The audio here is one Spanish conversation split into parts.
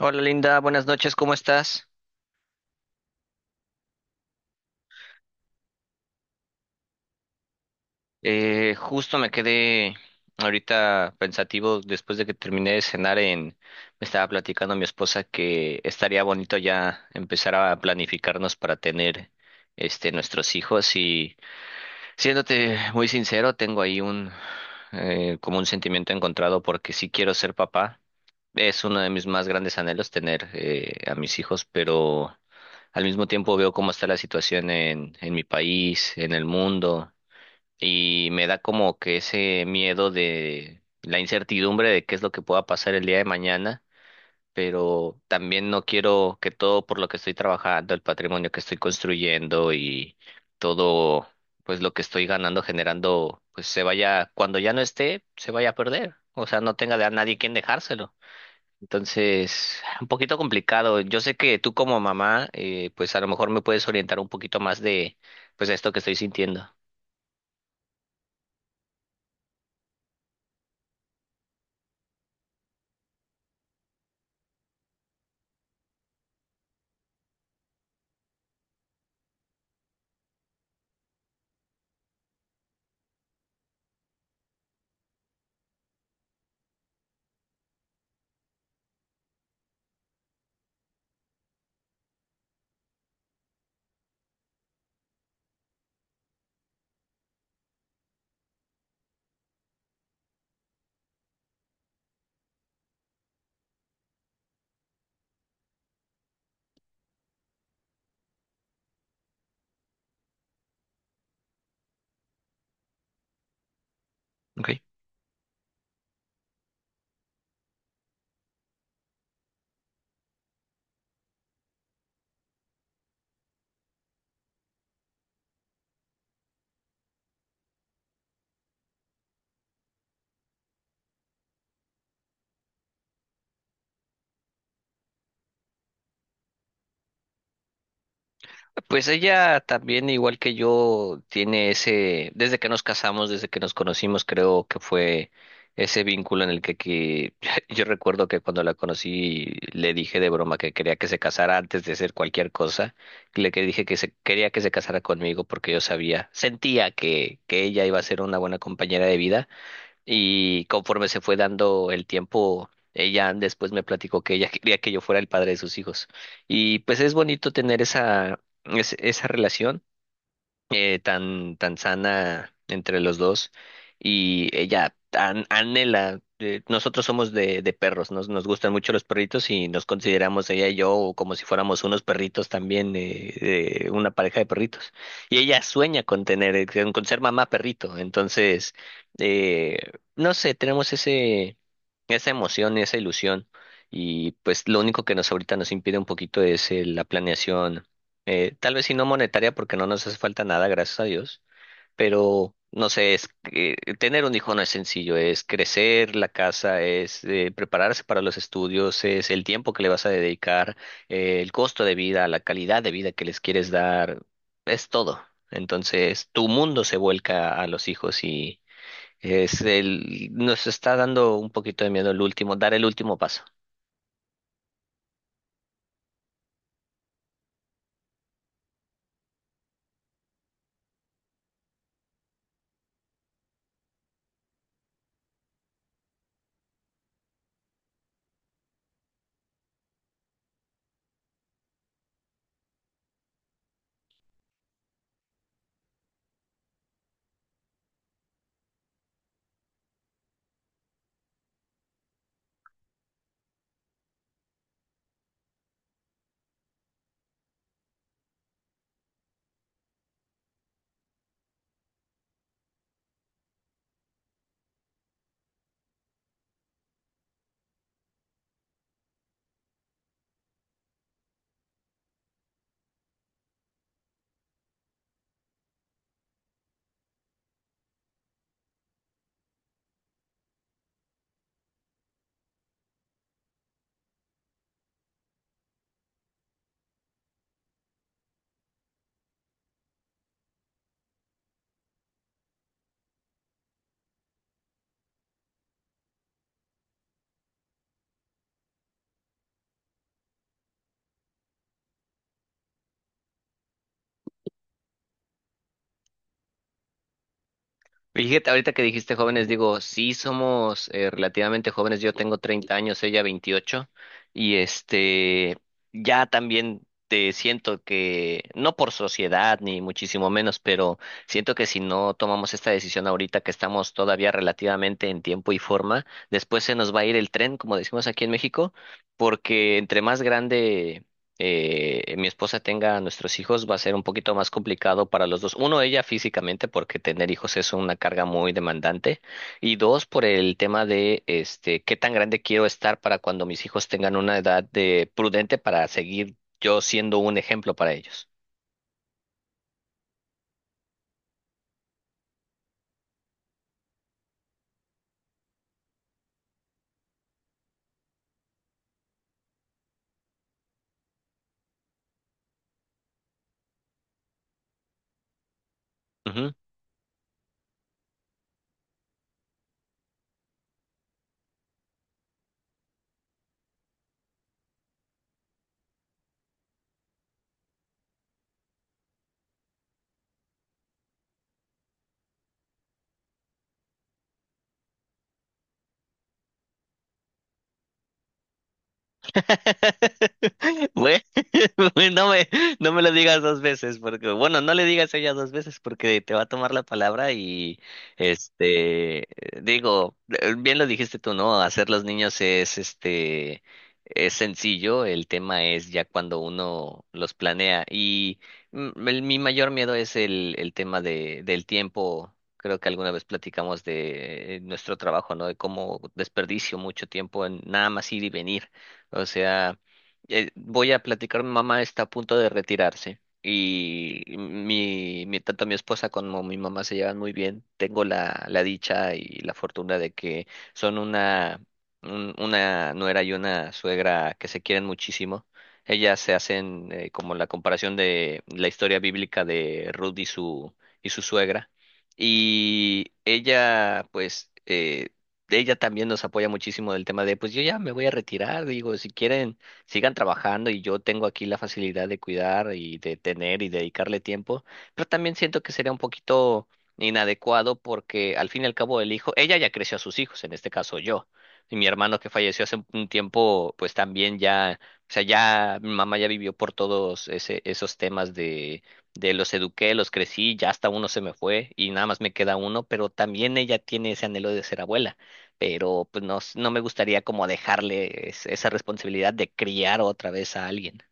Hola Linda, buenas noches, ¿cómo estás? Justo me quedé ahorita pensativo después de que terminé de cenar me estaba platicando mi esposa que estaría bonito ya empezar a planificarnos para tener este nuestros hijos. Siéndote muy sincero, tengo ahí un como un sentimiento encontrado porque sí quiero ser papá. Es uno de mis más grandes anhelos tener a mis hijos, pero al mismo tiempo veo cómo está la situación en mi país, en el mundo, y me da como que ese miedo de la incertidumbre de qué es lo que pueda pasar el día de mañana, pero también no quiero que todo por lo que estoy trabajando, el patrimonio que estoy construyendo y todo, pues lo que estoy ganando, generando, pues se vaya, cuando ya no esté, se vaya a perder. O sea, no tenga de a nadie quien dejárselo. Entonces, un poquito complicado. Yo sé que tú como mamá, pues a lo mejor me puedes orientar un poquito más de, pues esto que estoy sintiendo. Ok. Pues ella también, igual que yo, tiene ese, desde que nos casamos, desde que nos conocimos, creo que fue ese vínculo en el que yo recuerdo que cuando la conocí le dije de broma que quería que se casara antes de hacer cualquier cosa, le que dije que se, quería que se casara conmigo porque yo sabía, sentía que ella iba a ser una buena compañera de vida. Y conforme se fue dando el tiempo, ella después me platicó que ella quería que yo fuera el padre de sus hijos. Y pues es bonito tener esa, esa relación tan, tan sana entre los dos. Y ella anhela, nosotros somos de perros, nos gustan mucho los perritos y nos consideramos ella y yo como si fuéramos unos perritos también, una pareja de perritos. Y ella sueña con tener, con ser mamá perrito, entonces, eh, no sé, tenemos ese, esa emoción, esa ilusión. Y pues lo único que nos ahorita nos impide un poquito es la planeación, tal vez sí no monetaria porque no nos hace falta nada, gracias a Dios, pero no sé, es que tener un hijo no es sencillo, es crecer la casa, es prepararse para los estudios, es el tiempo que le vas a dedicar, el costo de vida, la calidad de vida que les quieres dar, es todo. Entonces, tu mundo se vuelca a los hijos y es el, nos está dando un poquito de miedo el último, dar el último paso. Y fíjate, ahorita que dijiste jóvenes, digo, sí somos relativamente jóvenes, yo tengo 30 años, ella 28, y este, ya también te siento que, no por sociedad ni muchísimo menos, pero siento que si no tomamos esta decisión ahorita que estamos todavía relativamente en tiempo y forma, después se nos va a ir el tren, como decimos aquí en México, porque entre más grande mi esposa tenga a nuestros hijos va a ser un poquito más complicado para los dos. Uno, ella físicamente, porque tener hijos es una carga muy demandante. Y dos, por el tema de este, qué tan grande quiero estar para cuando mis hijos tengan una edad de prudente para seguir yo siendo un ejemplo para ellos. Bue- Bueno, no me lo digas dos veces, porque, bueno, no le digas a ella dos veces porque te va a tomar la palabra y, este, digo, bien lo dijiste tú, ¿no? Hacer los niños es, este, es sencillo, el tema es ya cuando uno los planea y mi mayor miedo es el tema de, del tiempo. Creo que alguna vez platicamos de nuestro trabajo, ¿no? De cómo desperdicio mucho tiempo en nada más ir y venir. O sea, voy a platicar, mi mamá está a punto de retirarse y tanto mi esposa como mi mamá se llevan muy bien. Tengo la dicha y la fortuna de que son una, una nuera y una suegra que se quieren muchísimo. Ellas se hacen como la comparación de la historia bíblica de Ruth y su suegra. Y ella, pues ella también nos apoya muchísimo del tema de, pues yo ya me voy a retirar, digo, si quieren, sigan trabajando y yo tengo aquí la facilidad de cuidar y de tener y dedicarle tiempo, pero también siento que sería un poquito inadecuado porque al fin y al cabo el hijo, ella ya creció a sus hijos, en este caso yo, y mi hermano que falleció hace un tiempo, pues también ya, o sea, ya mi mamá ya vivió por todos ese, esos temas De los eduqué, los crecí, ya hasta uno se me fue y nada más me queda uno, pero también ella tiene ese anhelo de ser abuela, pero pues no, no me gustaría como dejarle esa responsabilidad de criar otra vez a alguien.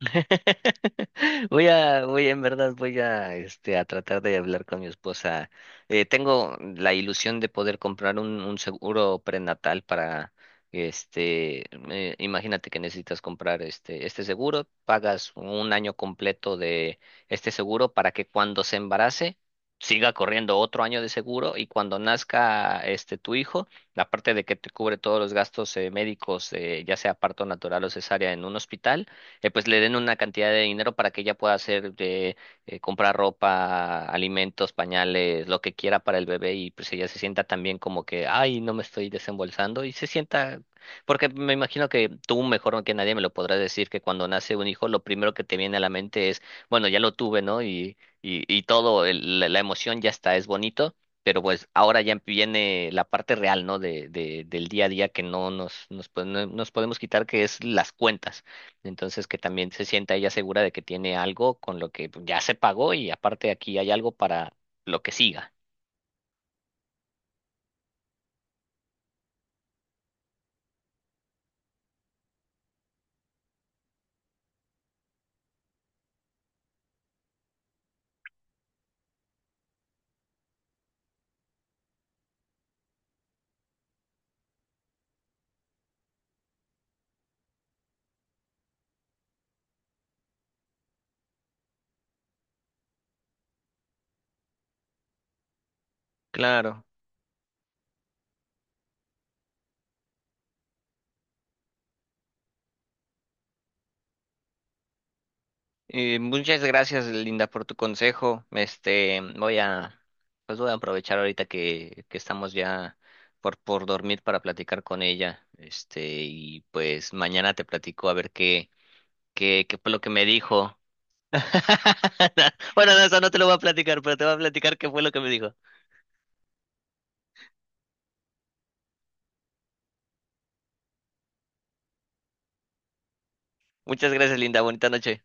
Voy en verdad, voy a, este, a tratar de hablar con mi esposa. Tengo la ilusión de poder comprar un seguro prenatal para, este, imagínate que necesitas comprar este, este seguro, pagas un año completo de este seguro para que cuando se embarace siga corriendo otro año de seguro y cuando nazca este tu hijo, aparte de que te cubre todos los gastos médicos, ya sea parto natural o cesárea en un hospital, pues le den una cantidad de dinero para que ella pueda hacer de comprar ropa, alimentos, pañales, lo que quiera para el bebé y pues ella se sienta también como que, ay, no me estoy desembolsando y se sienta, porque me imagino que tú mejor no que nadie me lo podrás decir que cuando nace un hijo lo primero que te viene a la mente es, bueno, ya lo tuve, ¿no? Y, y todo, la emoción ya está, es bonito, pero pues ahora ya viene la parte real, ¿no? Del día a día que no no nos podemos quitar, que es las cuentas. Entonces, que también se sienta ella segura de que tiene algo con lo que ya se pagó y aparte aquí hay algo para lo que siga. Muchas gracias, Linda, por tu consejo. Este, pues voy a aprovechar ahorita que estamos ya por dormir para platicar con ella. Este, y pues mañana te platico a ver qué fue lo que me dijo. Bueno, no, eso no te lo voy a platicar, pero te voy a platicar qué fue lo que me dijo. Muchas gracias, Linda. Bonita noche.